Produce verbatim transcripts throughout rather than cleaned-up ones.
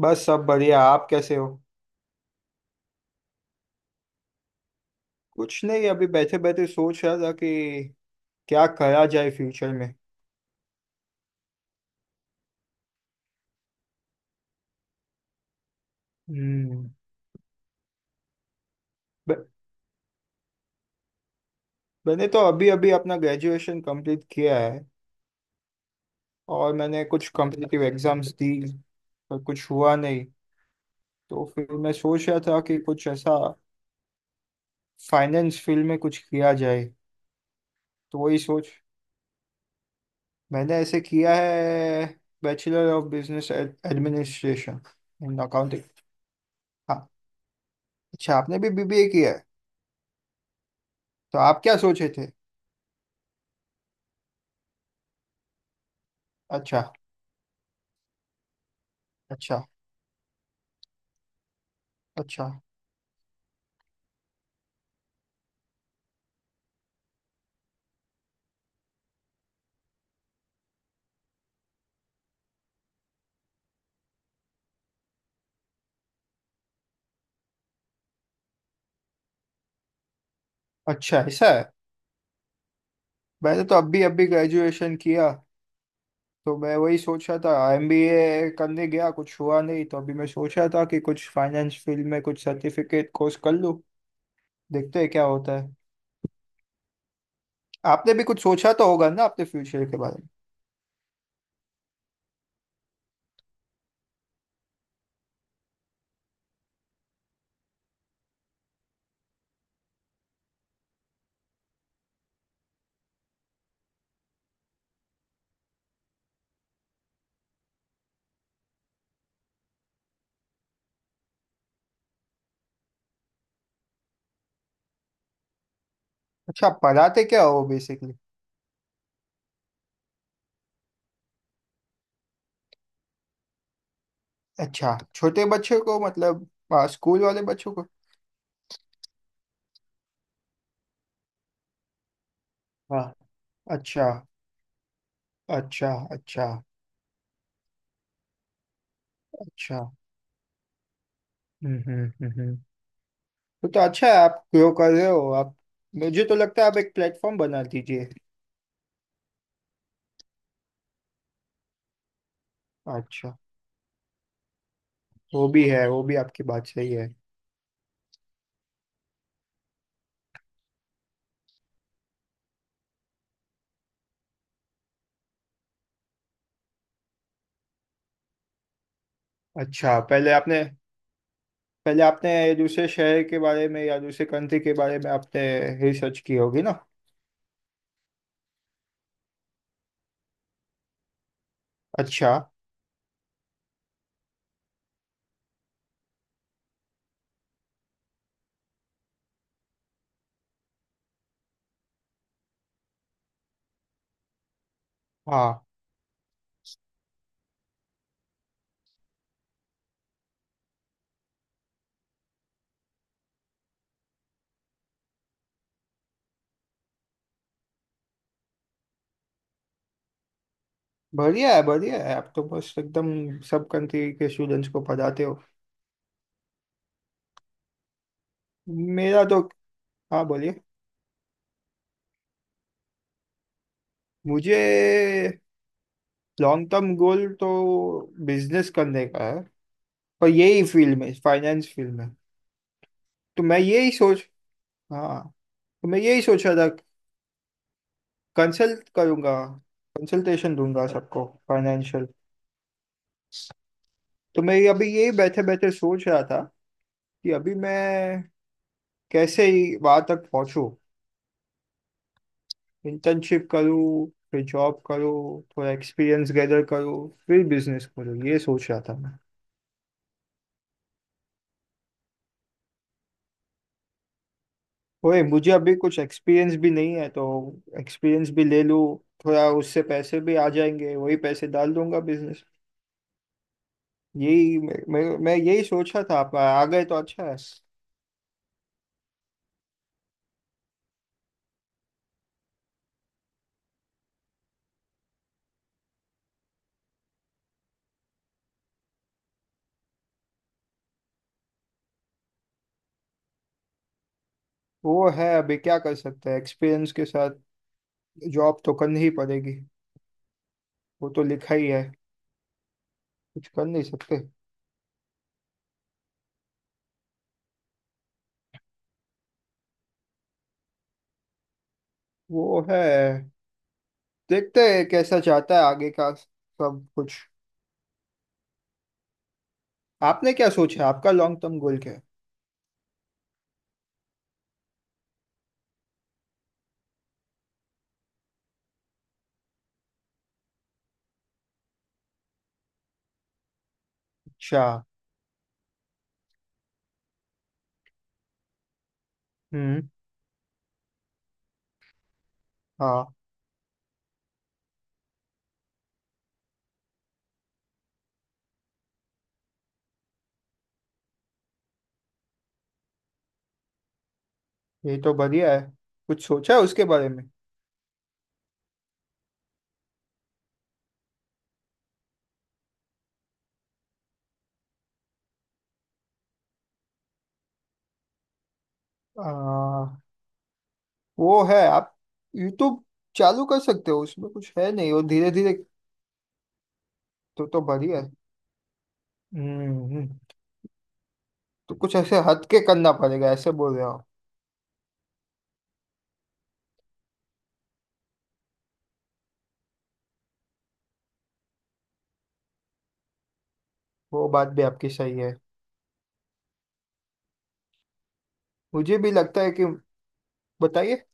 बस सब बढ़िया। आप कैसे हो? कुछ नहीं, अभी बैठे बैठे सोच रहा था कि क्या करा जाए फ्यूचर में। हम्म। ब- मैंने तो अभी अभी अपना ग्रेजुएशन कंप्लीट किया है। और मैंने कुछ कॉम्पिटिटिव एग्जाम्स दी, पर कुछ हुआ नहीं। तो फिर मैं सोच रहा था कि कुछ ऐसा फाइनेंस फील्ड में कुछ किया जाए। तो वही सोच, मैंने ऐसे किया है, bachelor of business administration in accounting. हाँ। अच्छा, आपने भी बी बी ए किया है। तो आप क्या सोचे थे? अच्छा। अच्छा। अच्छा। अच्छा ऐसा है। मैंने तो अभी अभी ग्रेजुएशन किया। तो मैं वही सोच रहा था, एम बी ए करने गया, कुछ हुआ नहीं, तो अभी मैं सोच रहा था कि कुछ फाइनेंस फील्ड में कुछ सर्टिफिकेट कोर्स कर लूं। देखते हैं क्या होता है। आपने भी कुछ सोचा तो होगा ना अपने फ्यूचर के बारे में। अच्छा, आप पढ़ाते क्या हो बेसिकली? अच्छा, छोटे बच्चों को मतलब, आ, स्कूल वाले बच्चों को? हाँ। अच्छा। अच्छा। अच्छा। अच्छा। हम्म। हम्म। हम्म। हम्म। वो तो अच्छा है, आप ग्रो कर रहे हो आप। मुझे तो लगता है आप एक प्लेटफॉर्म बना दीजिए। अच्छा। वो भी है, वो भी आपकी बात सही है। अच्छा, पहले आपने पहले आपने दूसरे शहर के बारे में या दूसरे कंट्री के बारे में आपने रिसर्च की होगी ना? अच्छा। हाँ। बढ़िया है, बढ़िया है, आप तो बस एकदम सब कंट्री के स्टूडेंट्स को पढ़ाते हो। मेरा तो, हाँ बोलिए। मुझे, लॉन्ग टर्म गोल तो बिजनेस करने का है, पर यही फील्ड में, फाइनेंस फील्ड में। तो मैं यही सोच, हाँ, तो मैं यही सोच रहा था। कंसल्ट करूंगा, कंसल्टेशन दूंगा सबको, फाइनेंशियल। तो मैं ये- अभी यही बैठे बैठे सोच रहा था कि अभी मैं कैसे ही वहां तक पहुंचूं। इंटर्नशिप करूँ, फिर जॉब करूँ, थोड़ा एक्सपीरियंस गैदर करूँ, फिर बिजनेस करूँ, ये सोच रहा था मैं। ओए, मुझे अभी कुछ एक्सपीरियंस भी नहीं है तो एक्सपीरियंस भी ले लूँ। थोड़ा उससे पैसे भी आ जाएंगे, वही पैसे डाल दूंगा बिजनेस। यही मैं मैं मैं यही सोचा था, आप आ गए तो अच्छा है। वो है, अभी क्या कर सकते हैं, एक्सपीरियंस के साथ जॉब तो करनी ही पड़ेगी। वो तो लिखा ही है, कुछ कर नहीं सकते। वो है, देखते हैं कैसा जाता है आगे का सब कुछ। आपने क्या सोचा है? आपका लॉन्ग टर्म गोल क्या है? अच्छा। हम्म। हाँ, ये तो बढ़िया है। कुछ सोचा है उसके बारे में? आ, वो है, आप यूट्यूब चालू कर सकते हो, उसमें कुछ है नहीं, वो धीरे धीरे। तो तो बढ़िया है। हम्म। हम्म। तो कुछ ऐसे हट के करना पड़ेगा ऐसे बोल रहे हो? वो बात भी आपकी सही है। मुझे भी लगता है कि, बताइए।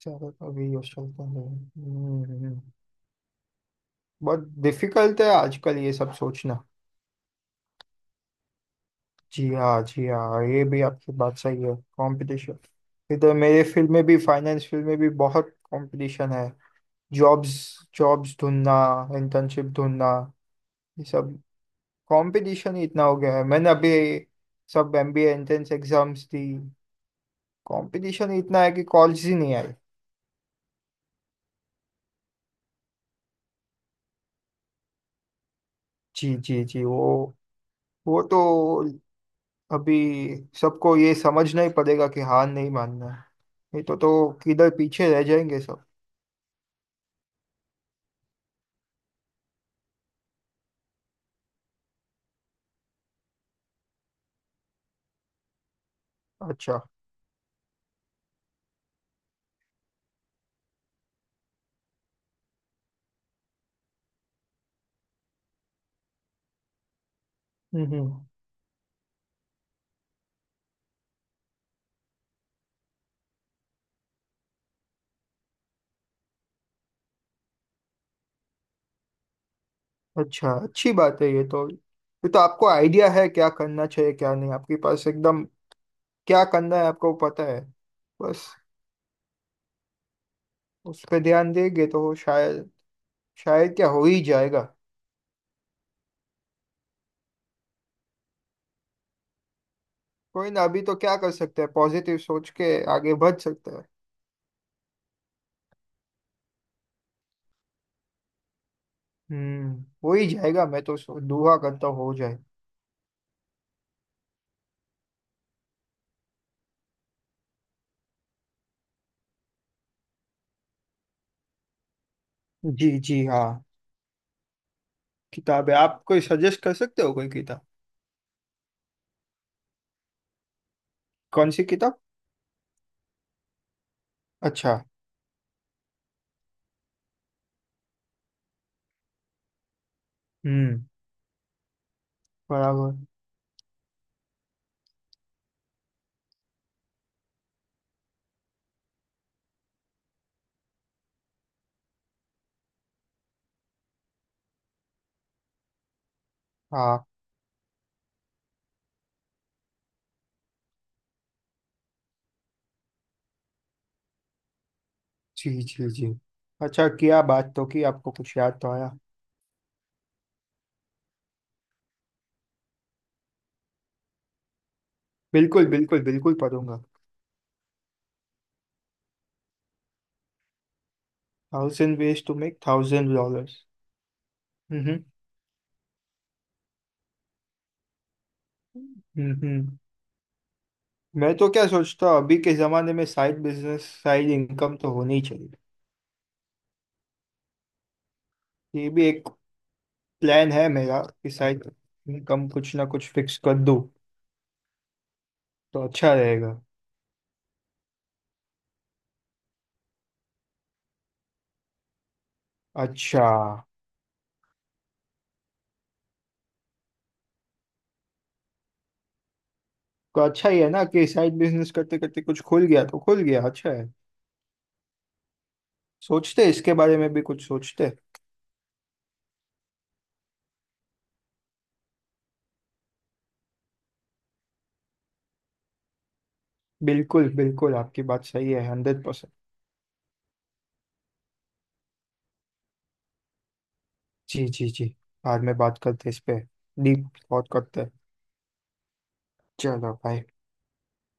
चलो अभी क्वेश्चन तो नहीं, हम्म, हम्म। हम्म। बहुत डिफिकल्ट है आजकल ये सब सोचना। जी हाँ, जी हाँ, ये भी आपकी बात सही है, कंपटीशन। इधर मेरे फील्ड में भी, फाइनेंस फील्ड में भी बहुत कंपटीशन है। जॉब्स, जॉब्स ढूंढना, इंटर्नशिप ढूंढना, ये सब कंपटीशन ही इतना हो गया है। मैंने अभी सब एम बी ए एंट्रेंस एग्जाम्स दी, कंपटीशन इतना है कि कॉलेज ही नहीं आई। जी जी जी, वो वो तो अभी सबको ये समझना ही पड़ेगा कि हार नहीं मानना है। नहीं तो तो किधर पीछे रह जाएंगे सब। अच्छा। हम्म। हम्म। अच्छा, अच्छी बात है ये तो। ये तो आपको आइडिया है क्या करना चाहिए क्या नहीं, आपके पास एकदम क्या करना है आपको पता है। बस उस पे ध्यान देंगे तो शायद, शायद क्या हो ही जाएगा। कोई ना, अभी तो क्या कर सकते हैं, पॉजिटिव सोच के आगे बढ़ सकते हैं। हम्म, हो ही जाएगा, मैं तो सो- दुआ करता हूँ हो जाए। जी, जी हाँ। किताब है, आप कोई सजेस्ट कर सकते हो कोई किताब? कौन सी किताब? अच्छा। हम्म। बराबर। हाँ। जी जी जी, अच्छा किया बात तो कि आपको कुछ याद तो आया। बिल्कुल बिल्कुल बिल्कुल, पढ़ूंगा। Thousand ways to make thousand dollars. Hmm. Hmm. हूँ। मैं तो क्या सोचता हूँ अभी के जमाने में साइड बिजनेस, साइड इनकम तो होनी ही चाहिए। ये भी एक प्लान है मेरा कि साइड इनकम कुछ ना कुछ फिक्स कर दूँ तो अच्छा रहेगा। अच्छा। तो अच्छा ही है ना कि साइड बिजनेस करते करते कुछ खुल गया तो खुल गया, अच्छा है। सोचते इसके बारे में भी कुछ सोचते। बिल्कुल बिल्कुल, आपकी बात सही है, हंड्रेड परसेंट। जी जी जी, बाद में बात करते इस पे, डीप थॉट करते हैं। चलो भाई।